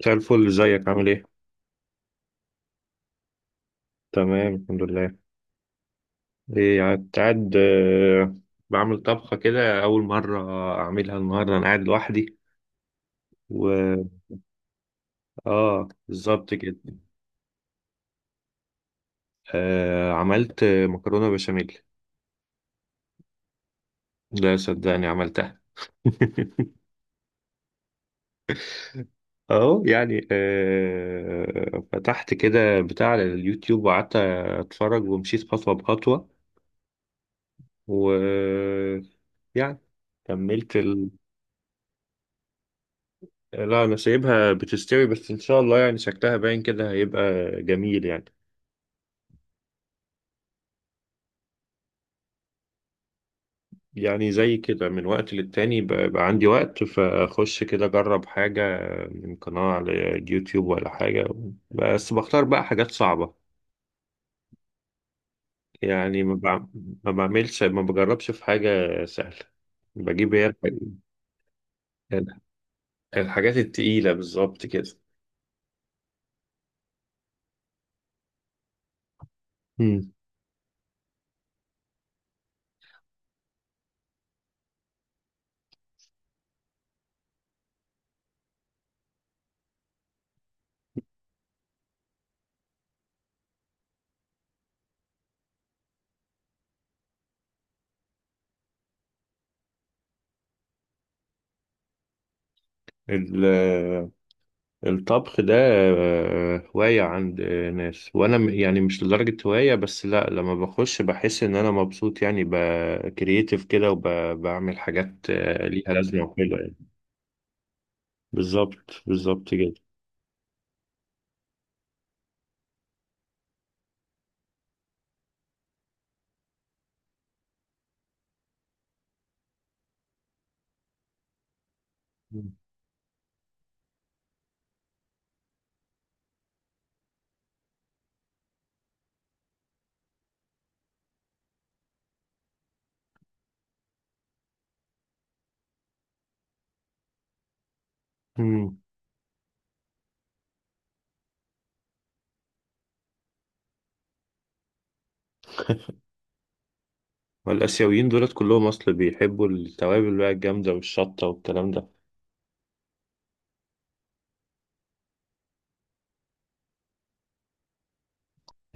مساء الفل، ازيك عامل ايه؟ تمام، الحمد لله. ايه، قاعد قاعد، بعمل طبخة كده أول مرة أعملها النهاردة. أنا قاعد لوحدي. و آه، بالظبط كده. آه، عملت مكرونة بشاميل. لا، صدقني عملتها. أهو يعني فتحت كده بتاع على اليوتيوب وقعدت أتفرج ومشيت خطوة بخطوة. و يعني كملت. لا، انا سايبها بتستوي، بس ان شاء الله يعني شكلها باين كده هيبقى جميل يعني. يعني زي كده من وقت للتاني، بقى عندي وقت فاخش كده اجرب حاجة من قناة على يوتيوب ولا حاجة. بس بختار بقى حاجات صعبة. يعني ما بعملش، ما بجربش في حاجة سهلة. بجيب هي الح- الحاجات التقيلة، بالظبط كده. مم. ال- الطبخ ده هواية عند ناس، وأنا يعني مش لدرجة هواية، بس لأ، لما بخش بحس إن أنا مبسوط، يعني بكرييتيف كده، وبعمل حاجات ليها لازمة وحلوة يعني. بالظبط بالظبط كده. مم. والآسيويين دولت كلهم أصل بيحبوا التوابل بقى الجامدة والشطة والكلام ده.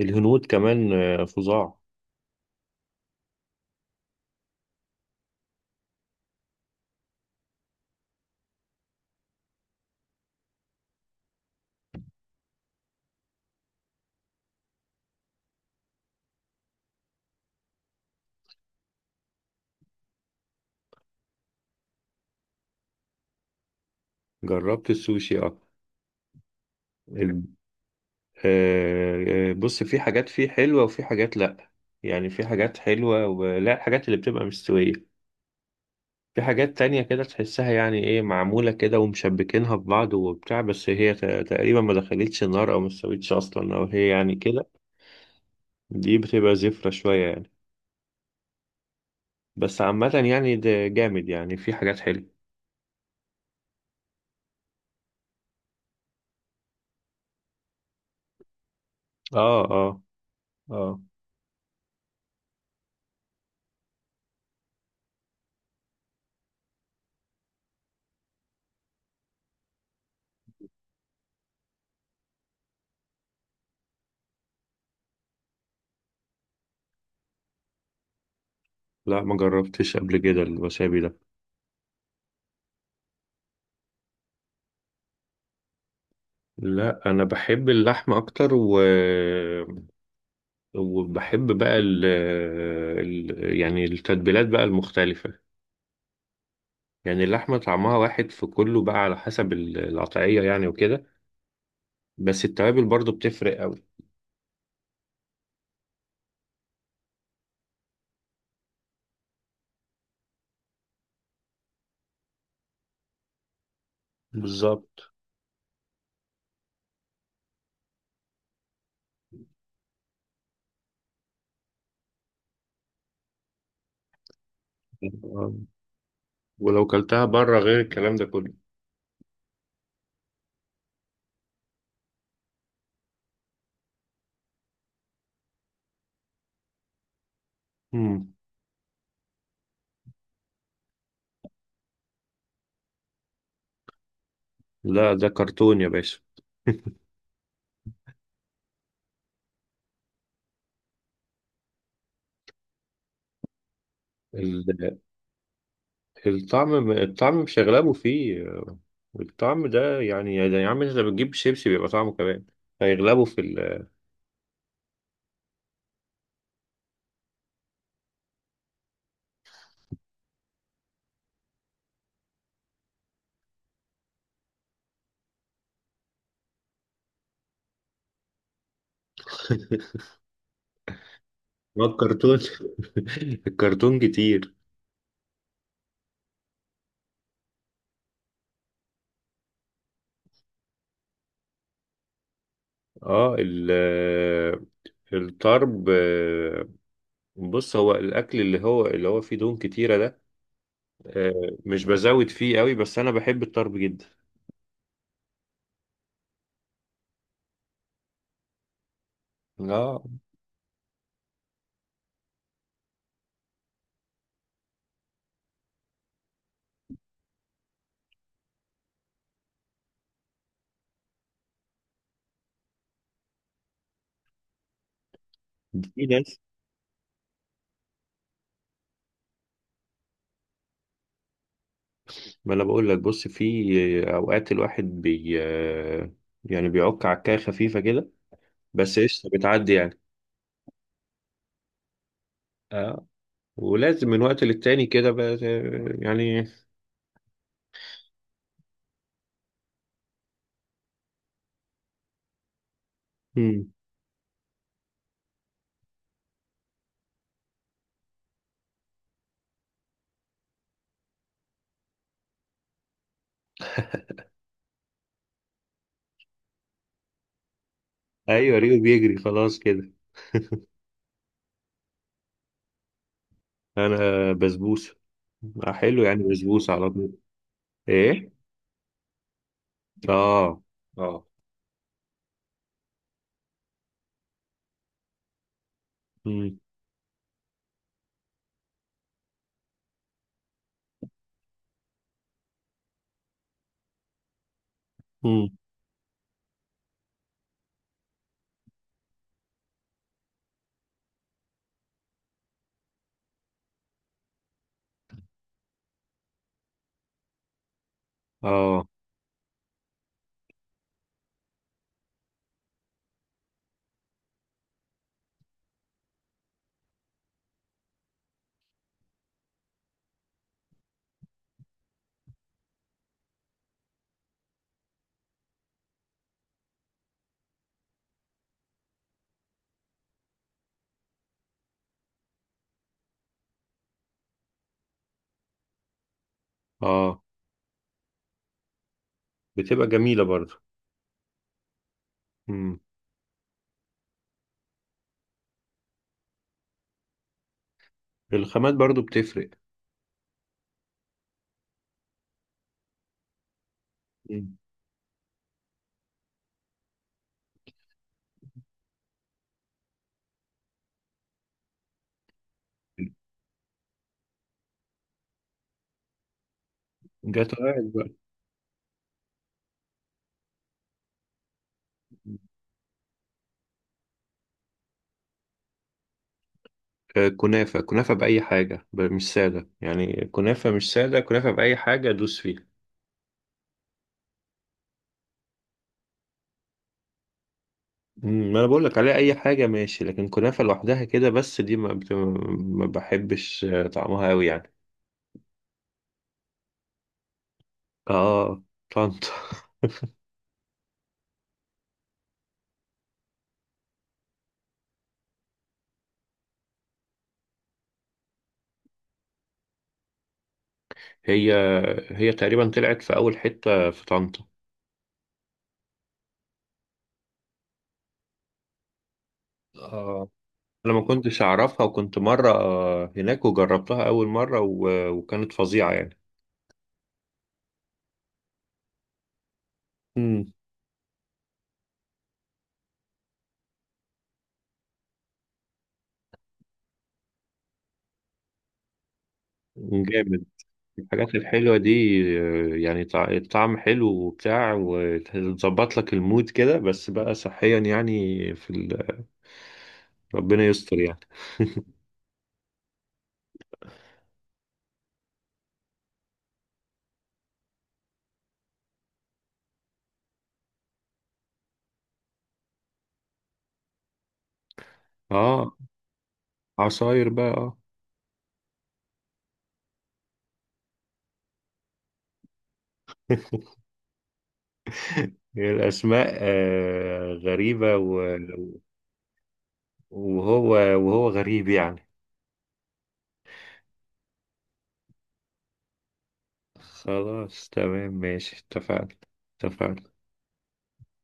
الهنود كمان فظاع. جربت السوشي، اه. آه، آه، بص، في حاجات فيه حلوة وفي حاجات لأ. يعني في حاجات حلوة، ولا الحاجات اللي بتبقى مستوية. في حاجات تانية كده تحسها، يعني ايه، معمولة كده ومشبكينها ببعض وبتاع، بس هي تقريبا ما دخلتش النار أو ما استوتش أصلا، أو هي يعني كده. دي بتبقى زفرة شوية يعني. بس عامة يعني ده جامد، يعني في حاجات حلوة. اه، اه. اه. لا، ما جربتش قبل كده الوسابي ده. لا، انا بحب اللحمه اكتر. وبحب بقى ال ال يعني التتبيلات بقى المختلفة. يعني اللحمة طعمها واحد في كله، بقى على حسب القطعية يعني وكده. بس التوابل برضو بتفرق قوي. بالظبط، آه. ولو كلتها بره غير الكلام ده كله. مم. لا، ده كرتون يا باشا. ال- الطعم مش هيغلبوا فيه. الطعم ده يعني يا عم، انت بتجيب شيبسي بيبقى طعمه كمان. هيغلبوا. ما الكرتون. الكرتون كتير. اه، ال آه، الطرب. بص، هو الاكل اللي هو فيه دهون كتيره ده. مش بزود فيه قوي، بس انا بحب الطرب جدا. اه، في ناس. ما انا بقول لك، بص، في اوقات الواحد بي آه، يعني بيعك عكايه خفيفه كده، بس قشطه بتعدي يعني. اه. ولازم من وقت للتاني كده بقى يعني. مم. ايوه ريو بيجري خلاص كده. انا بسبوسه. آه، حلو يعني، بسبوسه على طول. ايه. اه، اه. مم. مم. اه، اه. بتبقى جميلة برضو. مم. الخامات برضو بتفرق. مم. جت وقعت بقى. آه، كنافة كنافة بأي حاجة، مش سادة. يعني كنافة مش سادة، كنافة بأي حاجة دوس فيها. مم، ما انا بقول لك عليها اي حاجه ماشي، لكن كنافه لوحدها كده بس دي ما بحبش طعمها قوي يعني. اه. طنطا. هي هي تقريبا طلعت في اول حته في طنطا. اه، انا ما كنتش اعرفها، وكنت مره هناك وجربتها اول مره، وكانت فظيعه يعني. امم. جامد. الحاجات الحلوه دي يعني الطعم حلو وبتاع وتظبط لك المود كده، بس بقى صحيا يعني. ربنا يستر يعني. اه، عصاير بقى، اه. الاسماء غريبه. وهو غريب يعني. خلاص تمام ماشي، اتفقنا. اتفقنا.